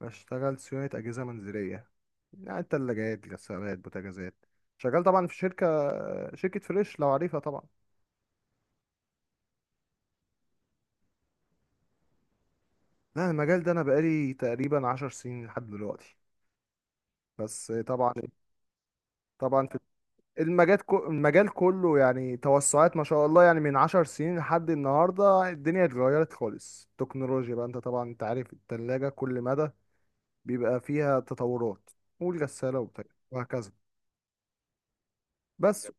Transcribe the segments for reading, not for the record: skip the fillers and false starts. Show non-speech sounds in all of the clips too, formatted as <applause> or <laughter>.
بشتغل صيانة أجهزة منزلية، يعني تلاجات غسالات بوتاجازات. شغال طبعا في شركة، شركة فريش لو عارفها طبعا. لا، المجال ده أنا بقالي تقريبا 10 سنين لحد دلوقتي، بس طبعا. في المجال كله، يعني توسعات ما شاء الله. يعني من 10 سنين لحد النهاردة الدنيا اتغيرت خالص. التكنولوجيا بقى، انت طبعا انت عارف التلاجة كل مدى بيبقى فيها تطورات، والغسالة وبتاع، وهكذا. بس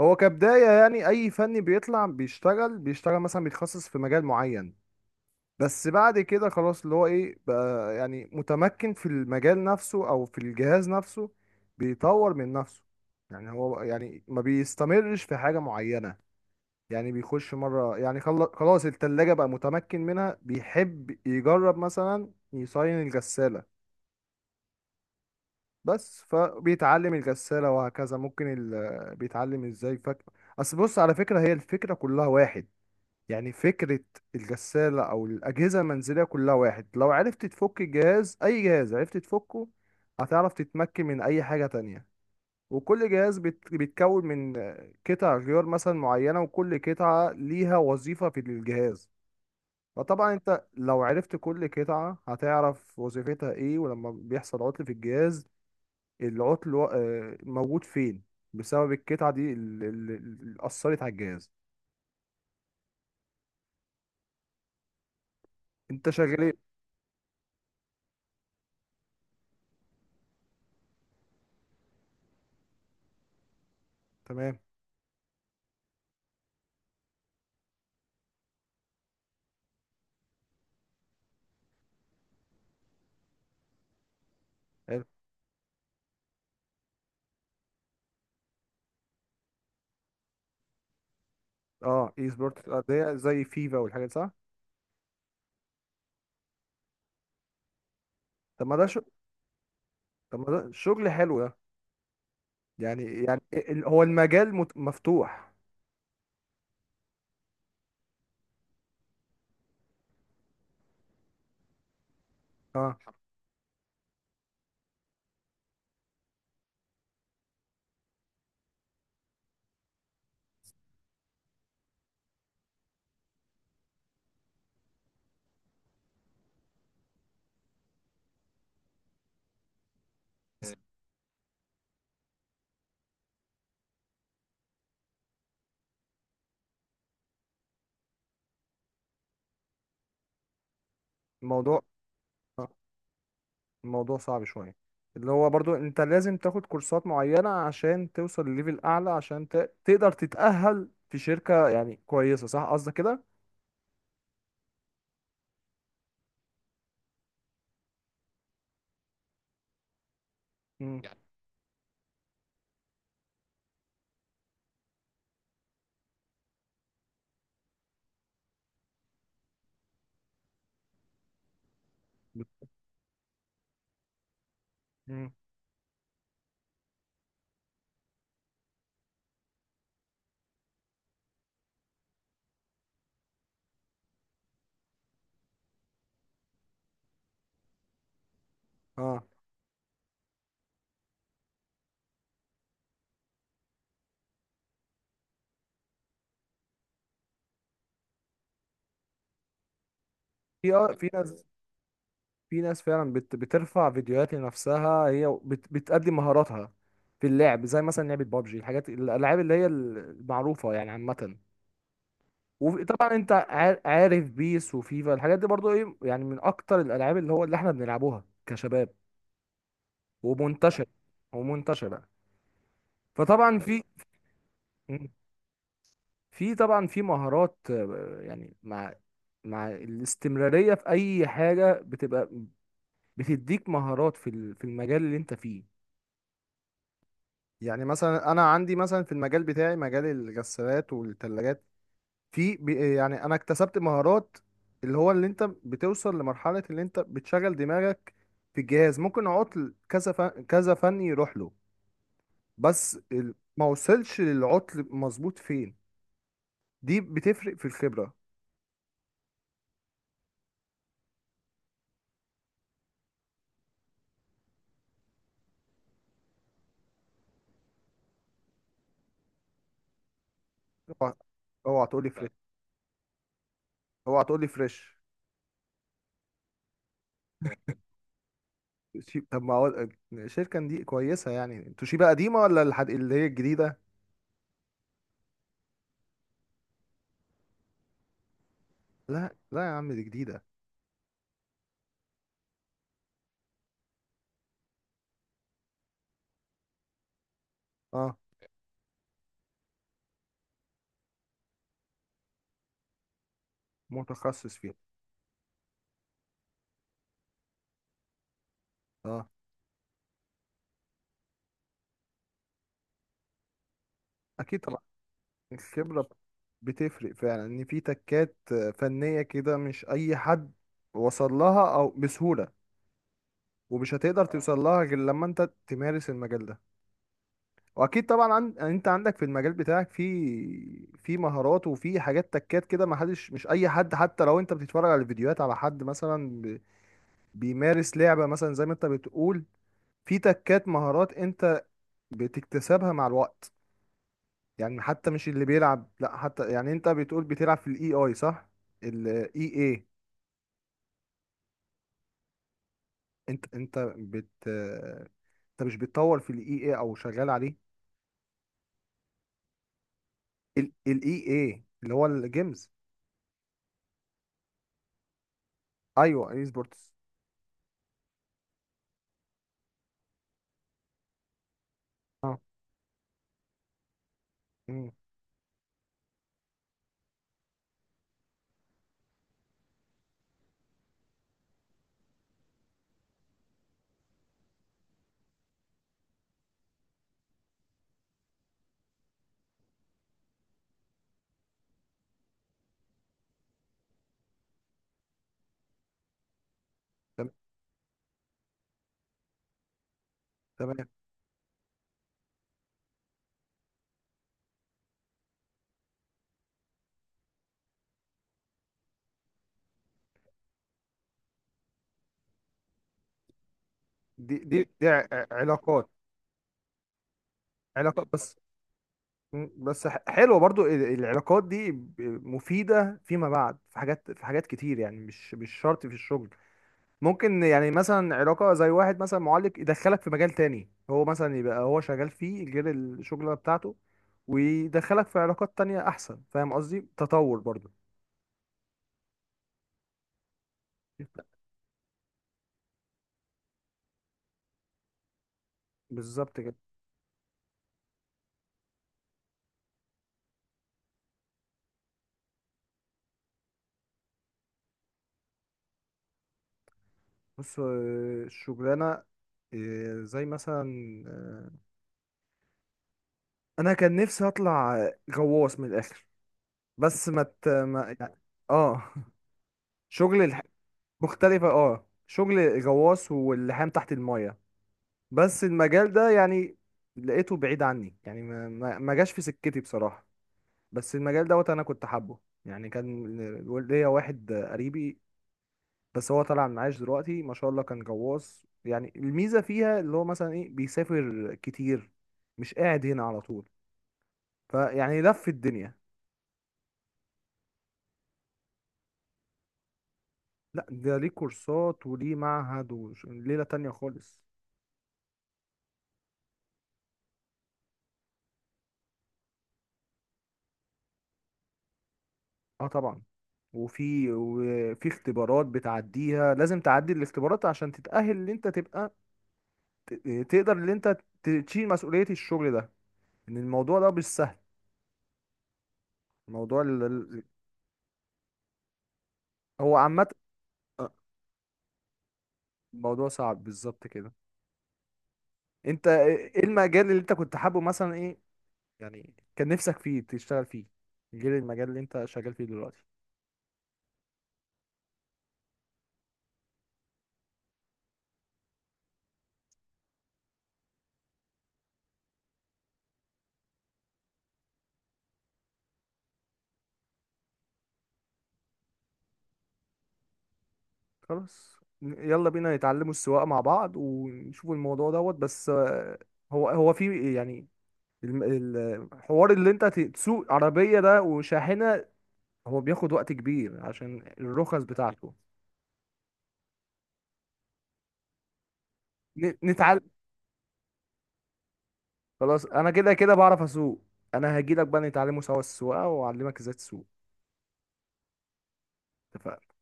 هو كبداية، يعني أي فني بيطلع بيشتغل مثلا بيتخصص في مجال معين. بس بعد كده خلاص اللي هو إيه بقى، يعني متمكن في المجال نفسه أو في الجهاز نفسه، بيطور من نفسه. يعني هو يعني ما بيستمرش في حاجة معينة. يعني بيخش مرة، يعني خلاص التلاجة بقى متمكن منها، بيحب يجرب مثلا يصين الغسالة. بس فبيتعلم الغسالة وهكذا. ممكن بيتعلم ازاي اصل، بص على فكرة، هي الفكرة كلها واحد. يعني فكرة الغسالة أو الأجهزة المنزلية كلها واحد. لو عرفت تفك الجهاز، أي جهاز عرفت تفكه، هتعرف تتمكن من أي حاجة تانية. وكل جهاز بيتكون من قطع غيار مثلا معينة، وكل قطعة ليها وظيفة في الجهاز. فطبعا انت لو عرفت كل قطعة هتعرف وظيفتها ايه، ولما بيحصل عطل في الجهاز العطل موجود فين، بسبب القطعة دي اللي أثرت على الجهاز. انت شغال ايه؟ تمام. اه، اي سبورت اللي هي زي فيفا والحاجات، صح. طب ما ده شو... طب ما ده شغل حلو ده. يعني، هو المجال مفتوح. اه. الموضوع آه. الموضوع صعب شويه، اللي هو برضو انت لازم تاخد كورسات معينه عشان توصل لليفل اعلى، عشان تقدر تتأهل في شركه يعني كويسه، صح قصدك كده؟ يعني. امم اه، في في ناس. في ناس فعلا بترفع فيديوهات لنفسها، هي بتقدم مهاراتها في اللعب، زي مثلا لعبة بابجي، الحاجات، الألعاب اللي هي المعروفة يعني عامة. وطبعا انت عارف بيس وفيفا، الحاجات دي برضو ايه، يعني من اكتر الالعاب اللي هو اللي احنا بنلعبوها كشباب، ومنتشر ومنتشره. فطبعا في، طبعا في مهارات يعني، مع الاستمراريه في اي حاجه بتبقى بتديك مهارات في المجال اللي انت فيه. يعني مثلا انا عندي مثلا في المجال بتاعي، مجال الغسالات والثلاجات، يعني انا اكتسبت مهارات اللي هو اللي انت بتوصل لمرحلة اللي انت بتشغل دماغك في الجهاز، ممكن عطل كذا فن كذا فن يروح له، ما وصلش للعطل مظبوط فين. دي بتفرق في الخبرة. اوعى. اوعى تقولي فريش. اوعى تقولي فريش. طب ما هو، الشركة دي كويسة يعني، توشيبا قديمة ولا اللي هي الجديدة؟ لا لا يا عم، دي جديدة. اه. متخصص فيها. اه، اكيد طبعا. الخبره بتفرق فعلا، ان في تكات فنيه كده، مش اي حد وصل لها او بسهوله، ومش هتقدر توصل لها غير لما انت تمارس المجال ده. واكيد طبعا يعني انت عندك في المجال بتاعك في مهارات، وفي حاجات تكات كده، ما حدش، مش اي حد، حتى لو انت بتتفرج على فيديوهات على حد مثلا بيمارس لعبه مثلا زي ما انت بتقول، في تكات مهارات انت بتكتسبها مع الوقت. يعني حتى مش اللي بيلعب، لا حتى، يعني انت بتقول بتلعب في الاي اي، صح؟ الاي اي. انت انت بت انت مش بتطور في الاي اي او شغال عليه؟ الاي اي اللي هو الجيمز. ايوه، اي سبورتس. اه. امم تم- تمام. دي علاقات، بس. مم. بس حلوه برضو، العلاقات دي مفيده فيما بعد في حاجات، في حاجات كتير، يعني مش شرط في الشغل. ممكن يعني مثلا علاقة، زي واحد مثلا معلق يدخلك في مجال تاني، هو مثلا يبقى هو شغال فيه غير الشغلة بتاعته، ويدخلك في علاقات تانية أحسن. فاهم قصدي؟ تطور برضو. بالظبط كده. بص، الشغلانة، زي مثلا، آه، أنا كان نفسي أطلع غواص من الآخر، بس ما ت... ما... يعني. اه. <laughs> شغل الح... مختلفة، اه، شغل غواص واللحام تحت المية. بس المجال ده يعني لقيته بعيد عني، يعني ما جاش في سكتي بصراحة. بس المجال دوت انا كنت حابه، يعني كان ليا واحد قريبي، بس هو طالع معاش دلوقتي ما شاء الله، كان غواص. يعني الميزة فيها اللي هو مثلا ايه، بيسافر كتير، مش قاعد هنا على طول، فيعني لف الدنيا. لا، ده ليه كورسات وليه معهد، وليلة تانية خالص. اه طبعا. وفي اختبارات بتعديها، لازم تعدي الاختبارات عشان تتأهل ان انت تبقى تقدر ان انت تشيل مسؤولية الشغل ده. ان الموضوع ده مش سهل، الموضوع هو عامة. آه، الموضوع صعب بالظبط كده. انت ايه، إيه المجال اللي انت كنت حابه مثلا، ايه يعني كان نفسك فيه تشتغل فيه غير المجال اللي انت شغال فيه دلوقتي؟ خلاص. يلا بينا نتعلموا السواقة مع بعض، ونشوف الموضوع دوت. بس هو في، يعني الم- ال- الحوار اللي انت تسوق عربية ده وشاحنة، هو بياخد وقت كبير عشان الرخص بتاعته. نتعلم. خلاص انا كده كده بعرف اسوق. انا هجيلك بقى نتعلموا سوا السواقه، واعلمك ازاي تسوق. اتفقنا.